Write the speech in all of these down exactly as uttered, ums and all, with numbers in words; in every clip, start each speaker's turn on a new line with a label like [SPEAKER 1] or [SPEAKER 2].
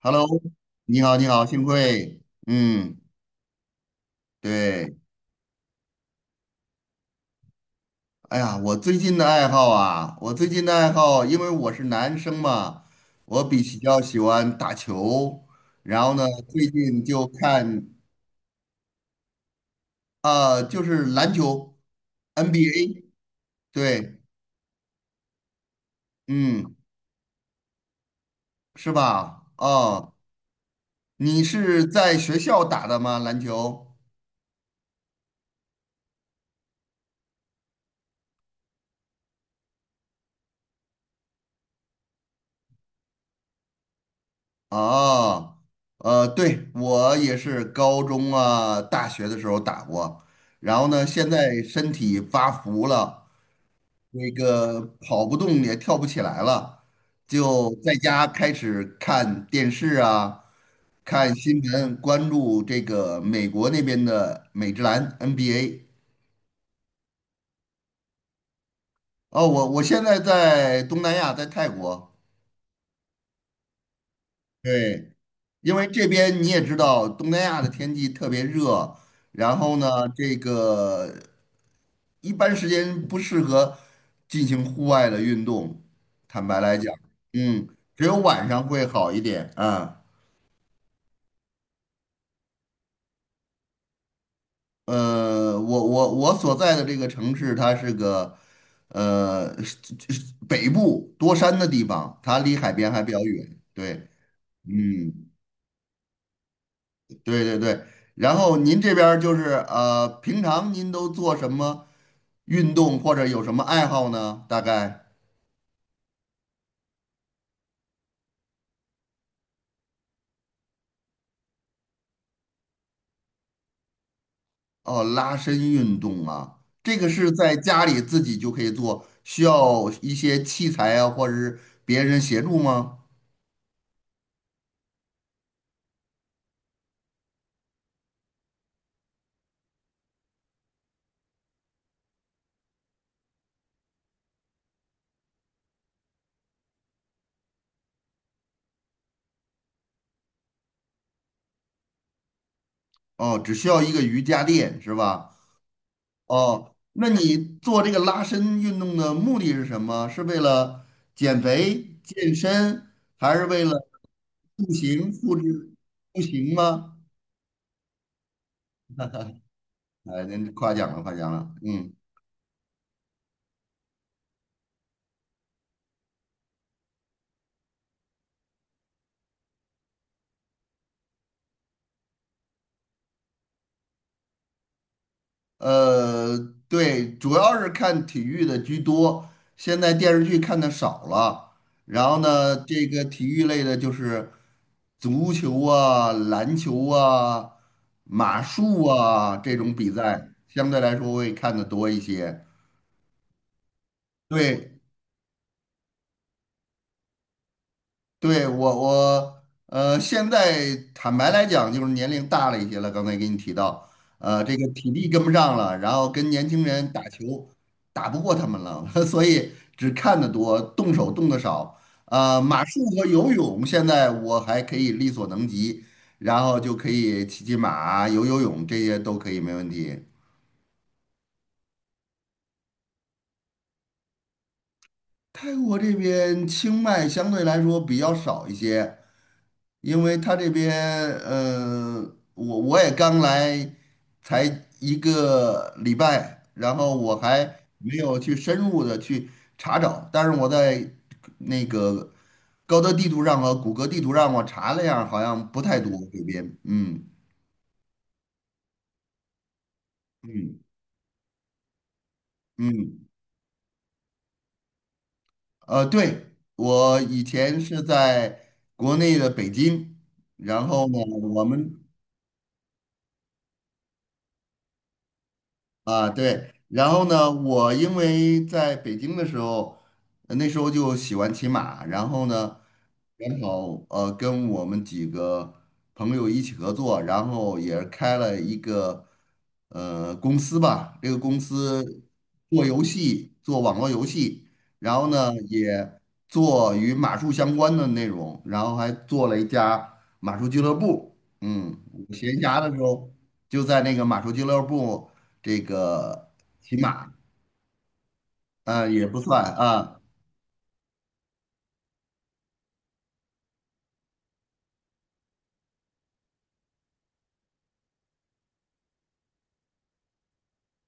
[SPEAKER 1] Hello，你好，你好，幸会。嗯，对。哎呀，我最近的爱好啊，我最近的爱好，因为我是男生嘛，我比较喜欢打球。然后呢，最近就看啊、就是篮球，N B A。对。嗯，是吧？哦，你是在学校打的吗？篮球？啊，呃，对，我也是高中啊、大学的时候打过，然后呢，现在身体发福了，那个跑不动也跳不起来了，就在家开始看电视啊，看新闻，关注这个美国那边的美职篮 N B A。哦，我我现在在东南亚，在泰国。对，因为这边你也知道，东南亚的天气特别热。然后呢，这个一般时间不适合进行户外的运动。坦白来讲，嗯，只有晚上会好一点啊。呃，我我我所在的这个城市，它是个呃是是北部多山的地方，它离海边还比较远。对。嗯。对对对。然后您这边儿就是呃，平常您都做什么运动或者有什么爱好呢？大概哦，拉伸运动啊，这个是在家里自己就可以做，需要一些器材啊，或者是别人协助吗？哦，只需要一个瑜伽垫是吧？哦，那你做这个拉伸运动的目的是什么？是为了减肥、健身，还是为了塑形、复制塑形吗？哎，您夸奖了，夸奖了。嗯，呃，对，主要是看体育的居多，现在电视剧看的少了。然后呢，这个体育类的就是足球啊、篮球啊、马术啊这种比赛，相对来说会看的多一些。对。对，我我呃，现在坦白来讲，就是年龄大了一些了。刚才给你提到，呃，这个体力跟不上了，然后跟年轻人打球打不过他们了，所以只看得多，动手动得少。呃，马术和游泳现在我还可以力所能及，然后就可以骑骑马、游游泳，这些都可以，没问题。泰国这边清迈相对来说比较少一些，因为他这边，呃，我我也刚来，才一个礼拜，然后我还没有去深入的去查找，但是我在那个高德地图上和谷歌地图上我查了一下，好像不太多这边。嗯嗯嗯，呃，对，我以前是在国内的北京。然后呢，我们啊，对。然后呢，我因为在北京的时候，呃那时候就喜欢骑马。然后呢，正好呃跟我们几个朋友一起合作，然后也是开了一个呃公司吧。这个公司做游戏，做网络游戏，然后呢也做与马术相关的内容，然后还做了一家马术俱乐部。嗯，我闲暇的时候就在那个马术俱乐部。这个骑马啊，也不算啊，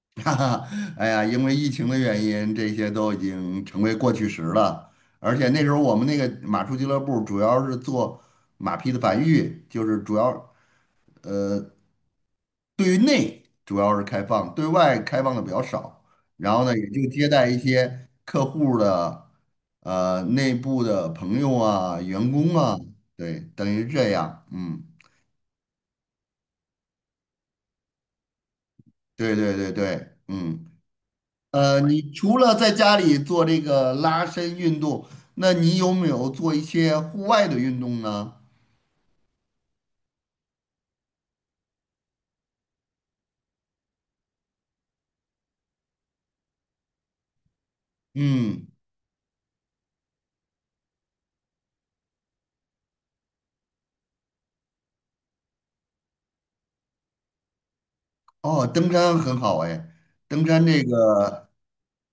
[SPEAKER 1] 哈哈。哎呀，因为疫情的原因，这些都已经成为过去时了。而且那时候我们那个马术俱乐部主要是做马匹的繁育，就是主要呃对于内主要是开放，对外开放的比较少。然后呢，也就接待一些客户的呃内部的朋友啊、员工啊。对，等于是这样。嗯，对对对对。嗯。呃，你除了在家里做这个拉伸运动，那你有没有做一些户外的运动呢？嗯。哦，登山很好哎。登山这个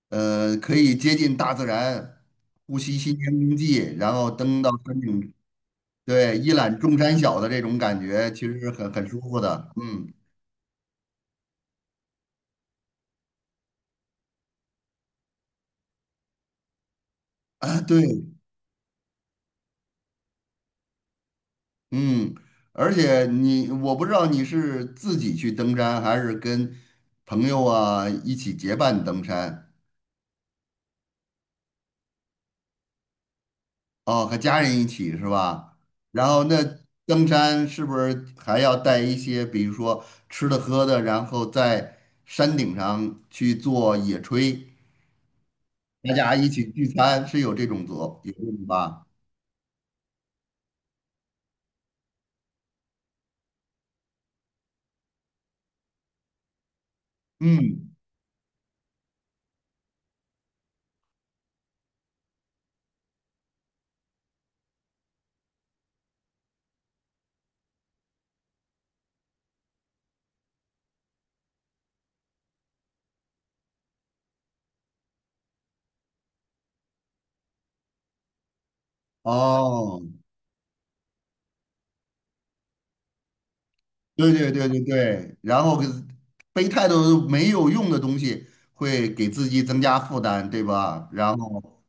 [SPEAKER 1] 呃，可以接近大自然，呼吸新鲜空气，然后登到山顶。对，一览众山小的这种感觉，其实是很很舒服的。嗯。啊，对。嗯，而且你，我不知道你是自己去登山，还是跟朋友啊一起结伴登山。哦，和家人一起是吧？然后那登山是不是还要带一些，比如说吃的喝的，然后在山顶上去做野炊，大家一起聚餐，是有这种做有这种吧？嗯。哦，对对对对对。然后给背太多没有用的东西，会给自己增加负担，对吧？然后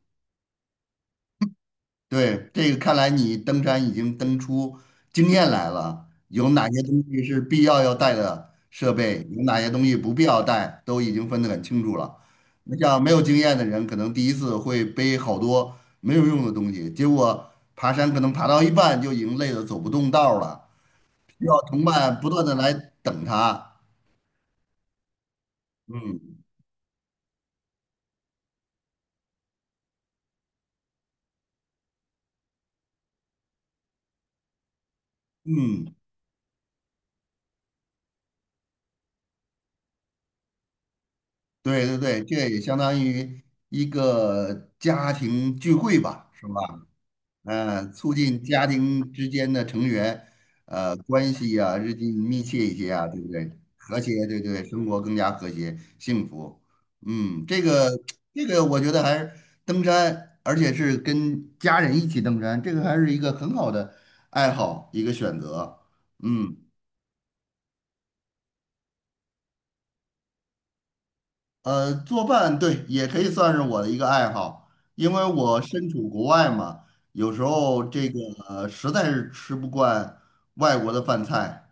[SPEAKER 1] 对，这个看来你登山已经登出经验来了，有哪些东西是必要要带的设备，有哪些东西不必要带，都已经分得很清楚了。那像没有经验的人，可能第一次会背好多没有用的东西，结果爬山可能爬到一半就已经累得走不动道儿了，需要同伴不断的来等他。嗯嗯，对对对，这也相当于一个家庭聚会吧，是吧？嗯，促进家庭之间的成员呃关系啊日益密切一些啊，对不对？和谐，对对，生活更加和谐幸福。嗯，这个这个我觉得还是登山，而且是跟家人一起登山，这个还是一个很好的爱好，一个选择。嗯。呃，做饭对也可以算是我的一个爱好，因为我身处国外嘛。有时候这个呃实在是吃不惯外国的饭菜。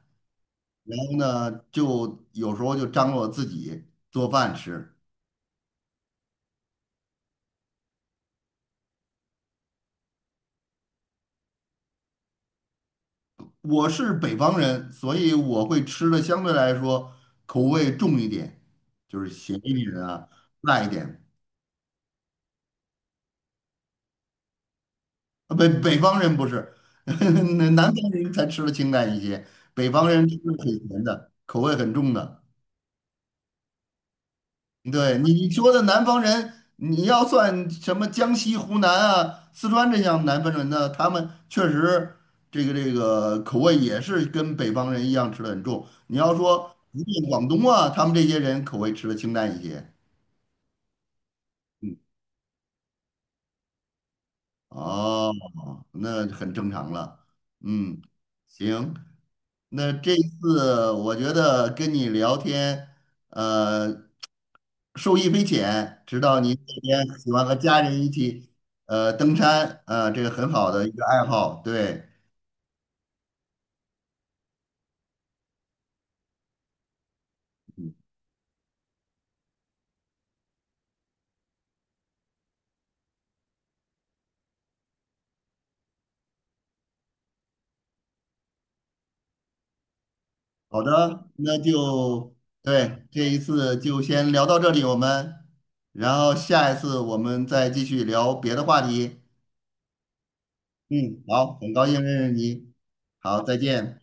[SPEAKER 1] 然后呢，就有时候就张罗自己做饭吃。我是北方人，所以我会吃的相对来说口味重一点，就是咸一点啊，辣一点。啊，北北方人不是，南方人才吃的清淡一些，北方人吃的很咸的，口味很重的。对你你说的南方人，你要算什么江西、湖南啊、四川这样南方人呢？他们确实这个这个口味也是跟北方人一样吃的很重。你要说福建、广东啊，他们这些人口味吃的清淡一些。哦，那很正常了。嗯，行，那这次我觉得跟你聊天，呃，受益匪浅。知道您这边喜欢和家人一起，呃，登山，呃，这个很好的一个爱好。对。好的，那就对，这一次就先聊到这里，我们，然后下一次我们再继续聊别的话题。嗯，好，很高兴认识你，好，再见。